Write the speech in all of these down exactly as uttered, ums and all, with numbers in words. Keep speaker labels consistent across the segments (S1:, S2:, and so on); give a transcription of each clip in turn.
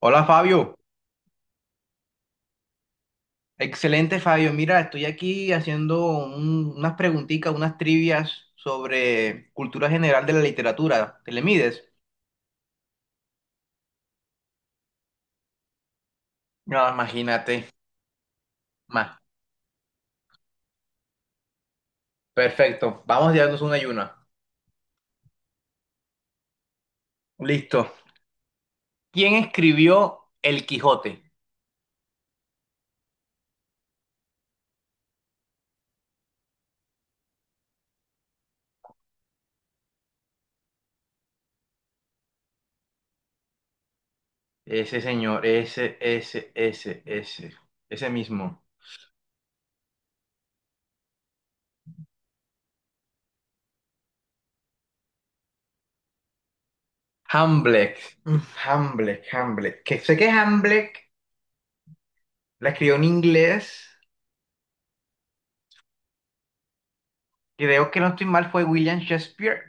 S1: Hola Fabio, excelente Fabio. Mira, estoy aquí haciendo un- unas preguntitas, unas trivias sobre cultura general de la literatura. ¿Te le mides? No, imagínate. Más. Perfecto. Vamos a darnos una y una. Listo. ¿Quién escribió El Quijote? Ese señor, ese, ese, ese, ese, ese mismo. Hamlet. Mm, Hamlet, Hamlet. Que sé que Hamlet la escribió en inglés. Creo que no estoy mal, fue William Shakespeare.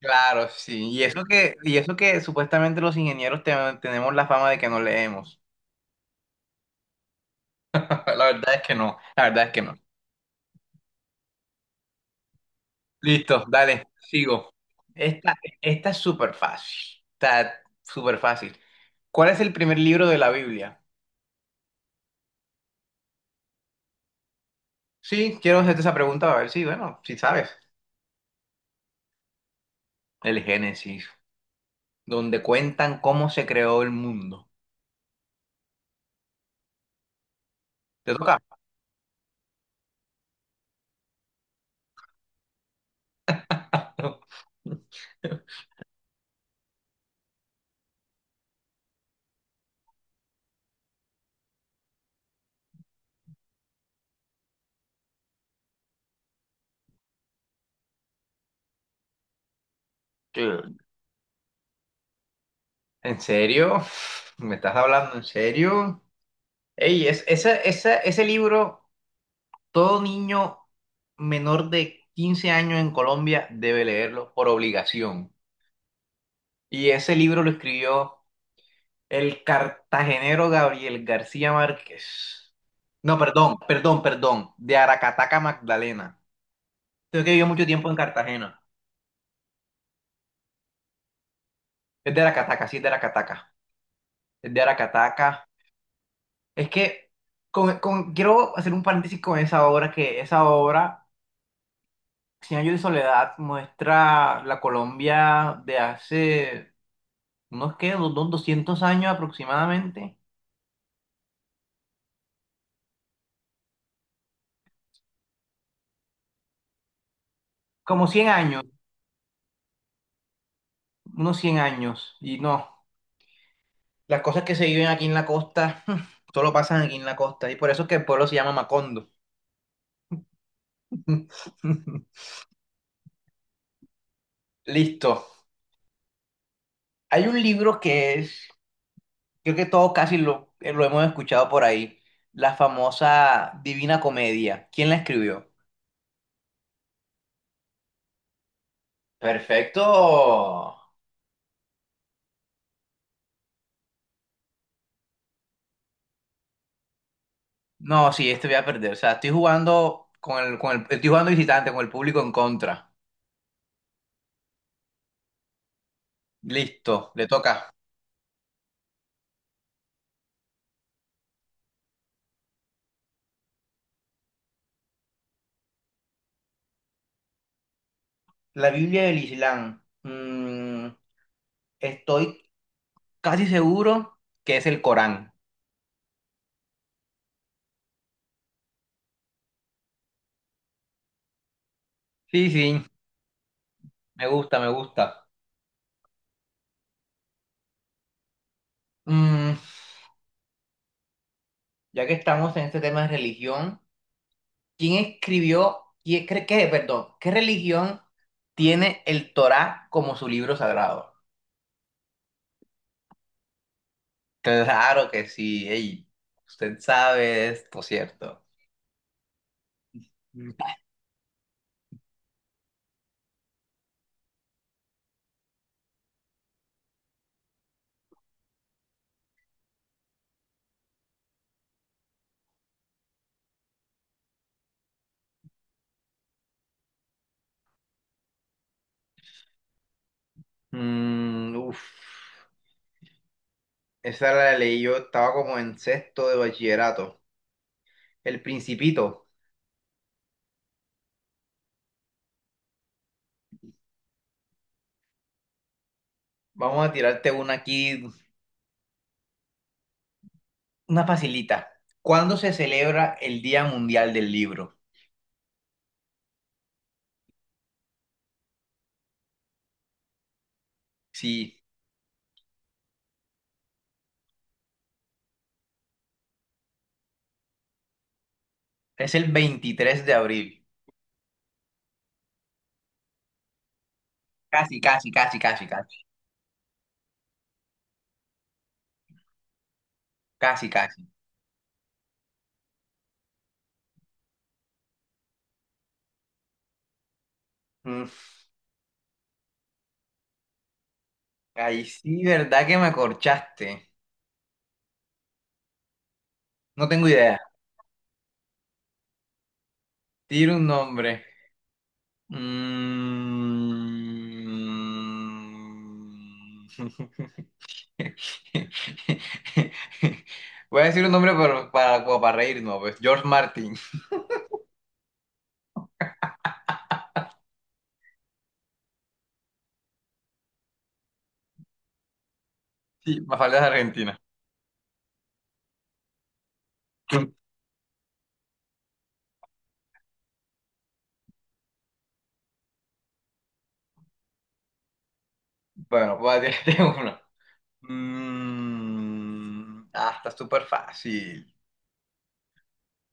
S1: Claro, sí. Y eso que, y eso que supuestamente los ingenieros te- tenemos la fama de que no leemos. La verdad es que no, la verdad es que no. Listo, dale, sigo. Esta, esta es súper fácil. Está súper fácil. ¿Cuál es el primer libro de la Biblia? Sí, quiero hacerte esa pregunta a ver si, bueno, si sabes. El Génesis, donde cuentan cómo se creó el mundo. ¿Te toca? ¿En serio? ¿Me estás hablando en serio? Ey, es, esa, esa- ese libro, todo niño menor de quince años en Colombia debe leerlo por obligación. Y ese libro lo escribió el cartagenero Gabriel García Márquez. No, perdón, perdón, perdón, de Aracataca, Magdalena. Creo que vivió mucho tiempo en Cartagena. Es de Aracataca, sí, es de Aracataca. Es de Aracataca. Es que con- con- quiero hacer un paréntesis con esa obra, que esa obra Cien años de soledad muestra la Colombia de hace unos que unos doscientos años aproximadamente, como cien años, unos cien años. Y no, las cosas que se viven aquí en la costa, solo pasan aquí en la costa. Y por eso es que el pueblo se llama Macondo. Listo. Hay un libro que es, creo que todos casi lo, eh, lo hemos escuchado por ahí, la famosa Divina Comedia. ¿Quién la escribió? Perfecto. No, sí, este voy a perder. O sea, estoy jugando con el, con el, estoy jugando visitante, con el público en contra. Listo, le toca. La Biblia del Islam. Mm, estoy casi seguro que es el Corán. Sí, sí, me gusta, me gusta. Mm, ya que estamos en este tema de religión, ¿quién escribió, quién, cre- qué, perdón, ¿qué religión tiene el Torá como su libro sagrado? Claro que sí, ey, usted sabe esto, ¿cierto? Mm, uf. Esa la leí yo, estaba como en sexto de bachillerato. El Principito. Vamos a tirarte una aquí, una facilita. ¿Cuándo se celebra el Día Mundial del Libro? Sí, es el veintitrés de abril. Casi, casi, casi, casi, casi. Casi, casi. Mm, ahí sí, ¿verdad que me corchaste? No tengo idea. Tira un nombre. Mm. Voy a decir un nombre para, para, como para reírnos, pues. George Martin. Sí, Mafalda es argentina. Bueno, voy a decirte uno. Mm, ah, está súper fácil.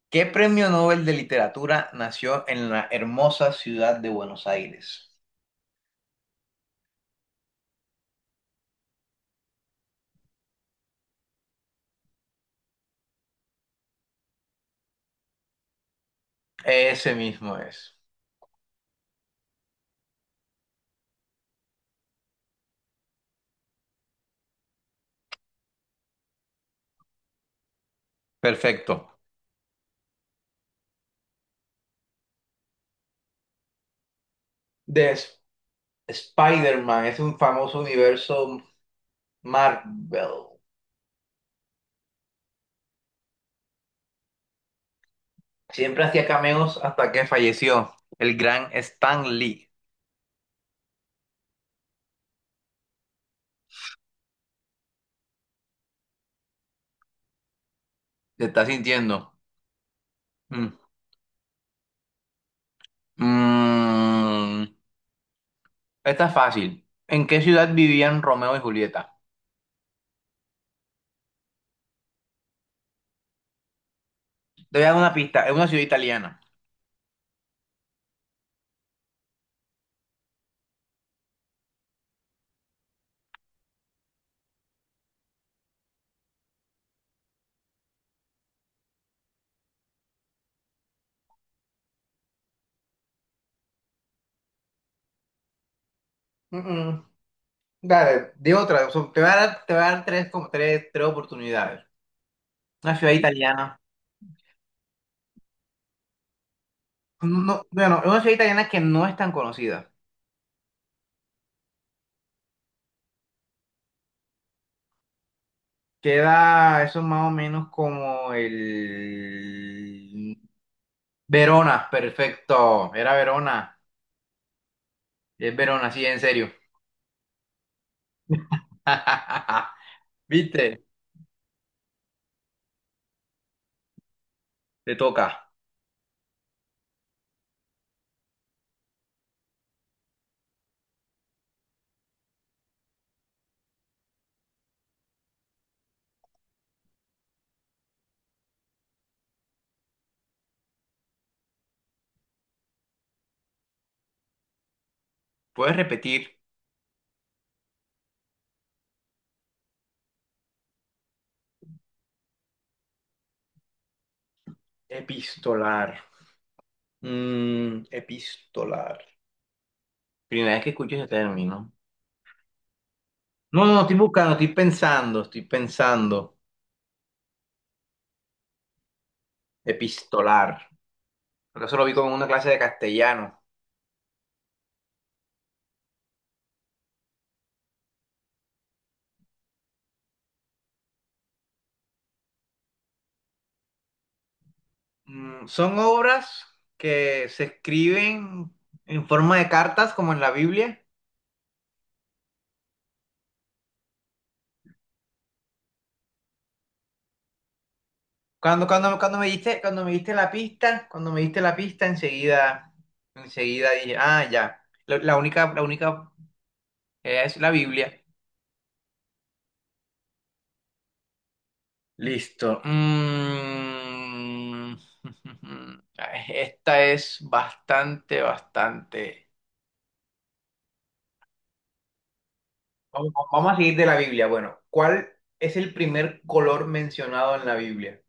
S1: ¿Qué premio Nobel de literatura nació en la hermosa ciudad de Buenos Aires? Ese mismo es. Perfecto. De Sp- Spider-Man es un famoso universo Marvel. Siempre hacía cameos hasta que falleció el gran Stan Lee. Se está sintiendo. Mm. Mm, esta es fácil. ¿En qué ciudad vivían Romeo y Julieta? Te voy a dar una pista. Es una ciudad italiana. Mm, mm. Dale, di otra. O sea, te voy a dar, te voy a dar tres, como- tres, tres oportunidades. Una ciudad italiana. No, no, bueno, es una ciudad italiana que no es tan conocida. Queda eso más o menos como el... Verona, perfecto. Era Verona. Es Verón, así en serio. ¿Viste? Te toca. ¿Puedes repetir? Epistolar. Mm, epistolar. Primera vez que escucho ese término. No, no, no, estoy buscando, estoy pensando, estoy pensando. Epistolar. Porque eso lo vi como en una clase de castellano. Mm, son obras que se escriben en forma de cartas, como en la Biblia. Cuando, cuando, cuando me diste, cuando me diste la pista, cuando me diste la pista, enseguida, enseguida dije, ah, ya. La, la única, la única eh, es la Biblia. Listo. Mm. Ay, esta es bastante, bastante. Vamos vamos a seguir de la Biblia. Bueno, ¿cuál es el primer color mencionado en la Biblia?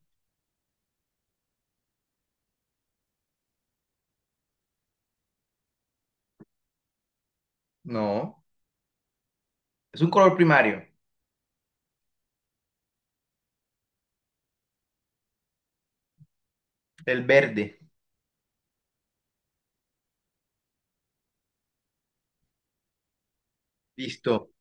S1: No, es un color primario, el verde. Listo.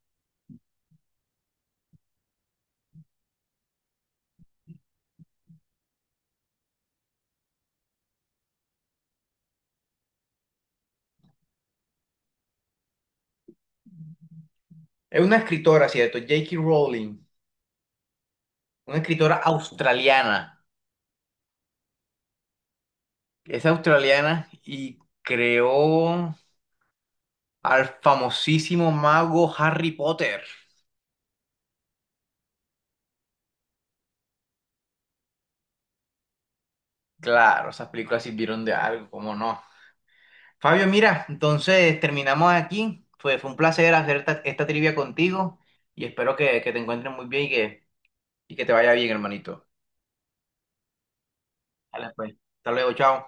S1: Es una escritora, ¿cierto? J K. Rowling. Una escritora australiana. Es australiana y creó al famosísimo mago Harry Potter. Claro, esas películas sirvieron de algo, ¿cómo no? Fabio, mira, entonces terminamos aquí. Fue, fue un placer hacer esta, esta trivia contigo y espero que, que te encuentres muy bien y que, y que te vaya bien, hermanito. Dale, pues. Hasta luego, chao.